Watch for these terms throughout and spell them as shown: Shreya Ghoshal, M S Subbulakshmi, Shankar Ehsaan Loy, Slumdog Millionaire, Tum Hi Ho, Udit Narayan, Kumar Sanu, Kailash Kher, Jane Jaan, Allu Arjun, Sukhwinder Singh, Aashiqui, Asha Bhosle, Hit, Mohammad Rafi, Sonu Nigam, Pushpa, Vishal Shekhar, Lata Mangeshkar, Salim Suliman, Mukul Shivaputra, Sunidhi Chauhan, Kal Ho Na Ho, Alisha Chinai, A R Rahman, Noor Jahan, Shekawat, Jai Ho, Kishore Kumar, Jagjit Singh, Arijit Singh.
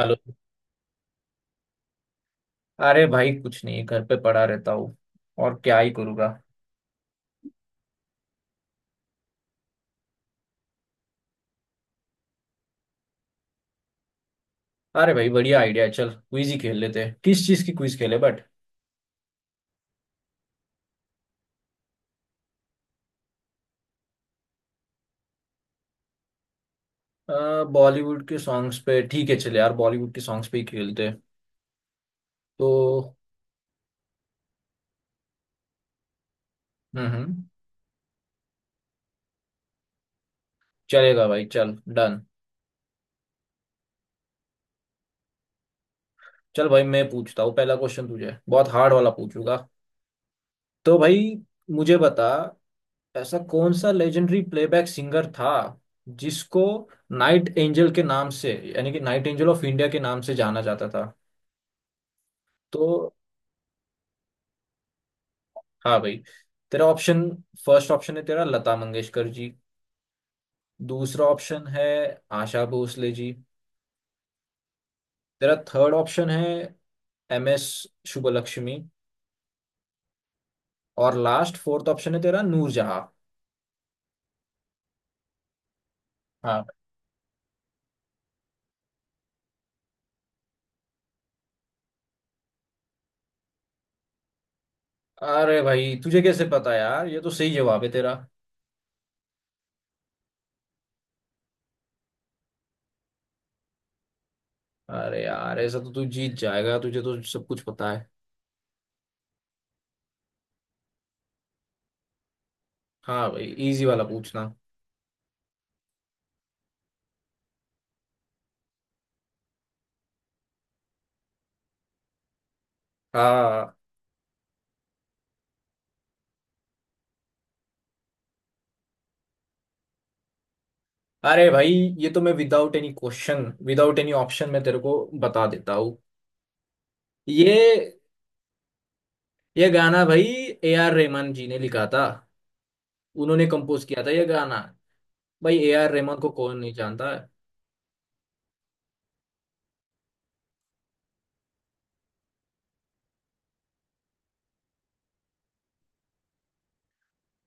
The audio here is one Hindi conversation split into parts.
हेलो। अरे भाई, कुछ नहीं, घर पे पड़ा रहता हूँ। और क्या ही करूँगा। अरे भाई, बढ़िया आइडिया है। चल क्विज ही खेल लेते हैं। किस चीज़ की क्विज खेले बट? बॉलीवुड के सॉन्ग्स पे? ठीक है, चल यार, बॉलीवुड के सॉन्ग्स पे ही खेलते हैं। तो हम्म। चलेगा भाई, चल डन। चल भाई, मैं पूछता हूँ। पहला क्वेश्चन तुझे बहुत हार्ड वाला पूछूंगा। तो भाई मुझे बता, ऐसा कौन सा लेजेंडरी प्लेबैक सिंगर था जिसको नाइट एंजल के नाम से, यानी कि नाइट एंजल ऑफ इंडिया के नाम से जाना जाता था? तो हाँ भाई, तेरा ऑप्शन, फर्स्ट ऑप्शन है तेरा लता मंगेशकर जी। दूसरा ऑप्शन है आशा भोसले जी। तेरा थर्ड ऑप्शन है एम एस शुभलक्ष्मी। और लास्ट फोर्थ ऑप्शन है तेरा नूरजहां। हाँ। अरे भाई, तुझे कैसे पता यार? ये तो सही जवाब है तेरा। अरे यार, ऐसा तो तू जीत जाएगा, तुझे तो सब कुछ पता है। हाँ भाई, इजी वाला पूछना। हाँ। अरे भाई, ये तो मैं without any question without any option मैं तेरे को बता देता हूँ। ये ये गाना भाई ए आर रहमान जी ने लिखा था। उन्होंने कंपोज किया था ये गाना। भाई ए आर रहमान को कौन नहीं जानता।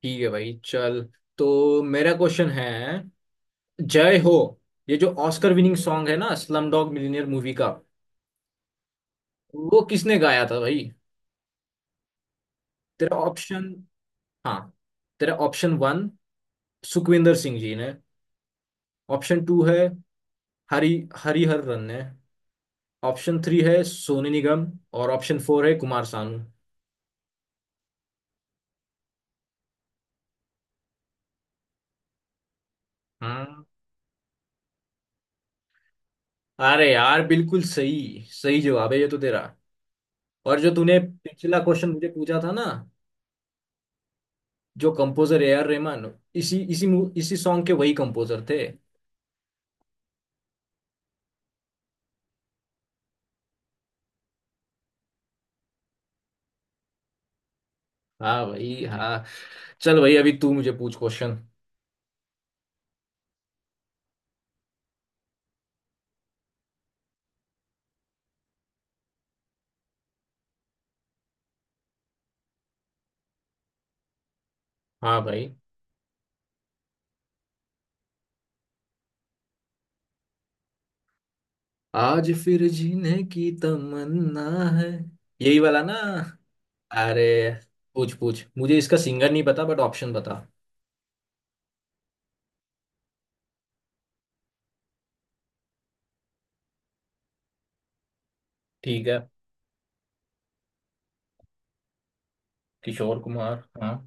ठीक है भाई, चल। तो मेरा क्वेश्चन है, जय हो, ये जो ऑस्कर विनिंग सॉन्ग है ना स्लम डॉग मिलियनेयर मूवी का, वो किसने गाया था भाई? तेरा ऑप्शन, हाँ, तेरा ऑप्शन वन सुखविंदर सिंह जी ने। ऑप्शन टू है हरी हरिहरन ने। ऑप्शन थ्री है सोनू निगम। और ऑप्शन फोर है कुमार सानू। हाँ। अरे यार बिल्कुल सही, सही जवाब है ये तो तेरा। और जो तूने पिछला क्वेश्चन मुझे पूछा था ना, जो कंपोजर ए आर रहमान, इसी इसी मू- इसी सॉन्ग के वही कंपोजर थे। हाँ भाई हाँ। चल भाई, अभी तू मुझे पूछ क्वेश्चन। हाँ भाई। आज फिर जीने की तमन्ना है, यही वाला ना? अरे पूछ पूछ, मुझे इसका सिंगर नहीं पता बट ऑप्शन बता। ठीक है। किशोर कुमार। हाँ।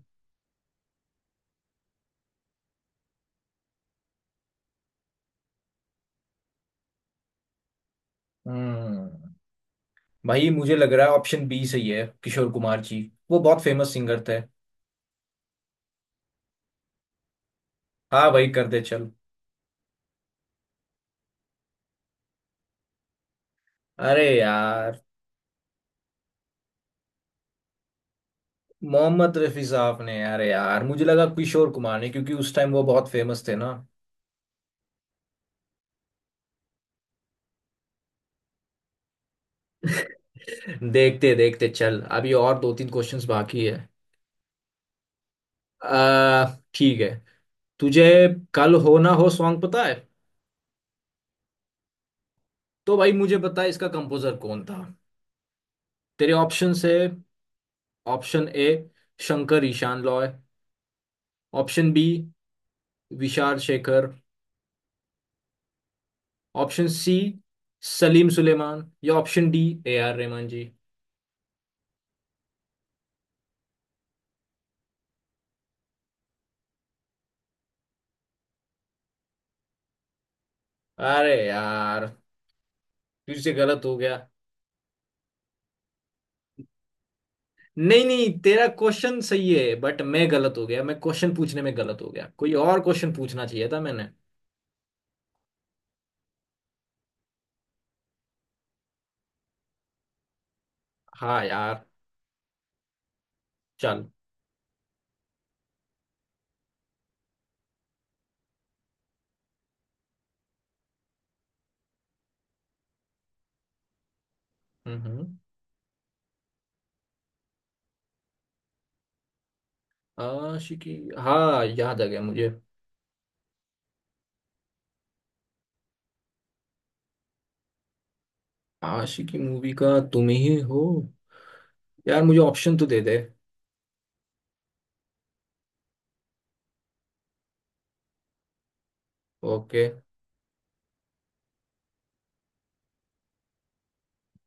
हम्म। भाई मुझे लग रहा है ऑप्शन बी सही है, किशोर कुमार जी, वो बहुत फेमस सिंगर थे। हाँ भाई, कर दे चल। अरे यार, मोहम्मद रफी साहब ने? अरे यार, मुझे लगा किशोर कुमार ने क्योंकि उस टाइम वो बहुत फेमस थे ना। देखते देखते, चल अभी और दो तीन क्वेश्चंस बाकी है। आ, ठीक है। तुझे कल हो ना हो सॉन्ग पता है? तो भाई मुझे बता, इसका कंपोजर कौन था? तेरे ऑप्शन है, option A Shankar Ehsaan Loy, option B Vishal Shekhar, option C Salim Sulaiman, या option D A R Rahman ji. अरे यार तुझसे गलत हो गया। नहीं नहीं, तेरा क्वेश्चन सही है बट मैं गलत हो गया, मैं क्वेश्चन पूछने में गलत हो गया, कोई और क्वेश्चन पूछना चाहिए था मैंने। हाँ यार, चल। हम्म हम्म। आशिकी, हाँ याद आ गया मुझे। आशिकी मूवी का तुम ही हो। यार मुझे ऑप्शन तो दे दे। ओके।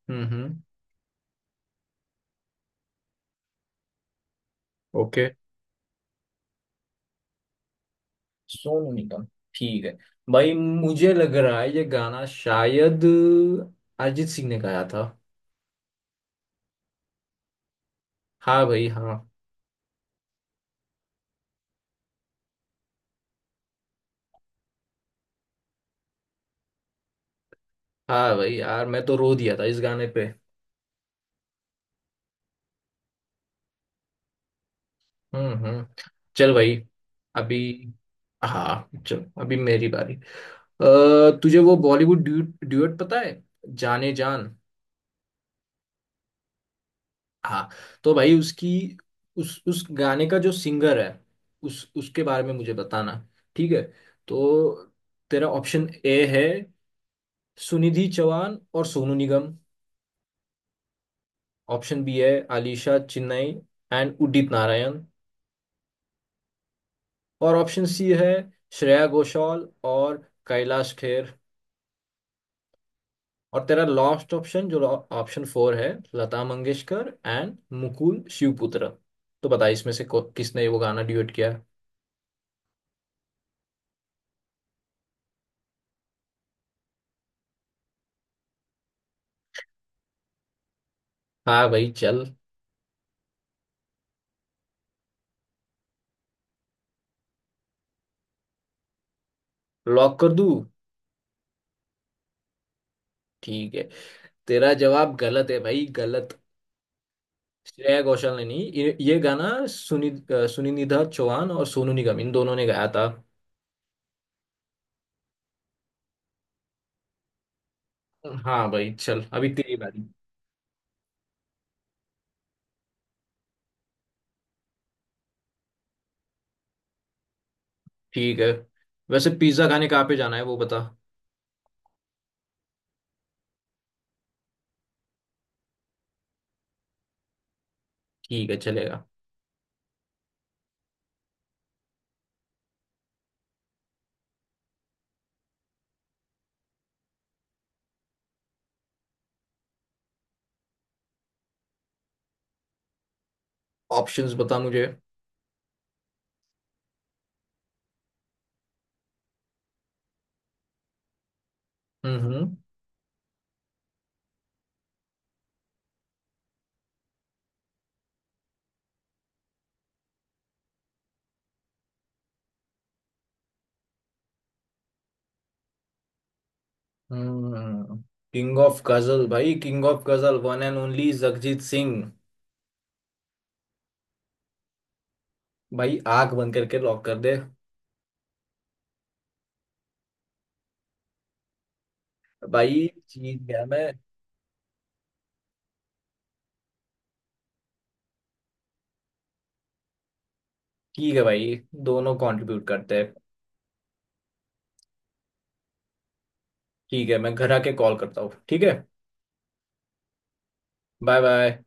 हम्म। ओके। सोनू निगम। ठीक है भाई, मुझे लग रहा है ये गाना शायद अरिजीत सिंह ने गाया था। हाँ भाई हाँ। हाँ भाई यार, मैं तो रो दिया था इस गाने पे। हम्म। चल भाई, अभी हाँ, चल अभी मेरी बारी। अ, तुझे वो बॉलीवुड ड्यूट ड्यूट पता है, जाने जान? हाँ, तो भाई उसकी, उस गाने का जो सिंगर है, उस उसके बारे में मुझे बताना। ठीक है। तो तेरा ऑप्शन ए है सुनिधि चौहान और सोनू निगम। ऑप्शन बी है आलिशा चिन्नई एंड उदित नारायण। और ऑप्शन सी है श्रेया घोषाल और कैलाश खेर। और तेरा लास्ट ऑप्शन जो ऑप्शन फोर है, लता मंगेशकर एंड मुकुल शिवपुत्र। तो बता, इसमें से किसने वो गाना ड्यूट किया है? हाँ भाई चल, लॉक कर दूं? ठीक है। तेरा जवाब गलत है भाई, गलत। श्रेया घोषाल ने नहीं, ये गाना सुनिधि चौहान और सोनू निगम इन दोनों ने गाया था। हाँ भाई चल, अभी तेरी बारी। ठीक है। वैसे पिज्जा खाने कहाँ पे जाना है वो बता। ठीक है, चलेगा। ऑप्शंस बता मुझे। Hmm hmm. King of ghazal भाई, king of ghazal, one and only Jagjit Singh. भाई आंख बंद करके लॉक कर दे। भाई जीत गया मैं। ठीक है भाई, दोनों कंट्रीब्यूट करते हैं। ठीक है, मैं घर आके कॉल करता हूँ। ठीक है। Bye bye.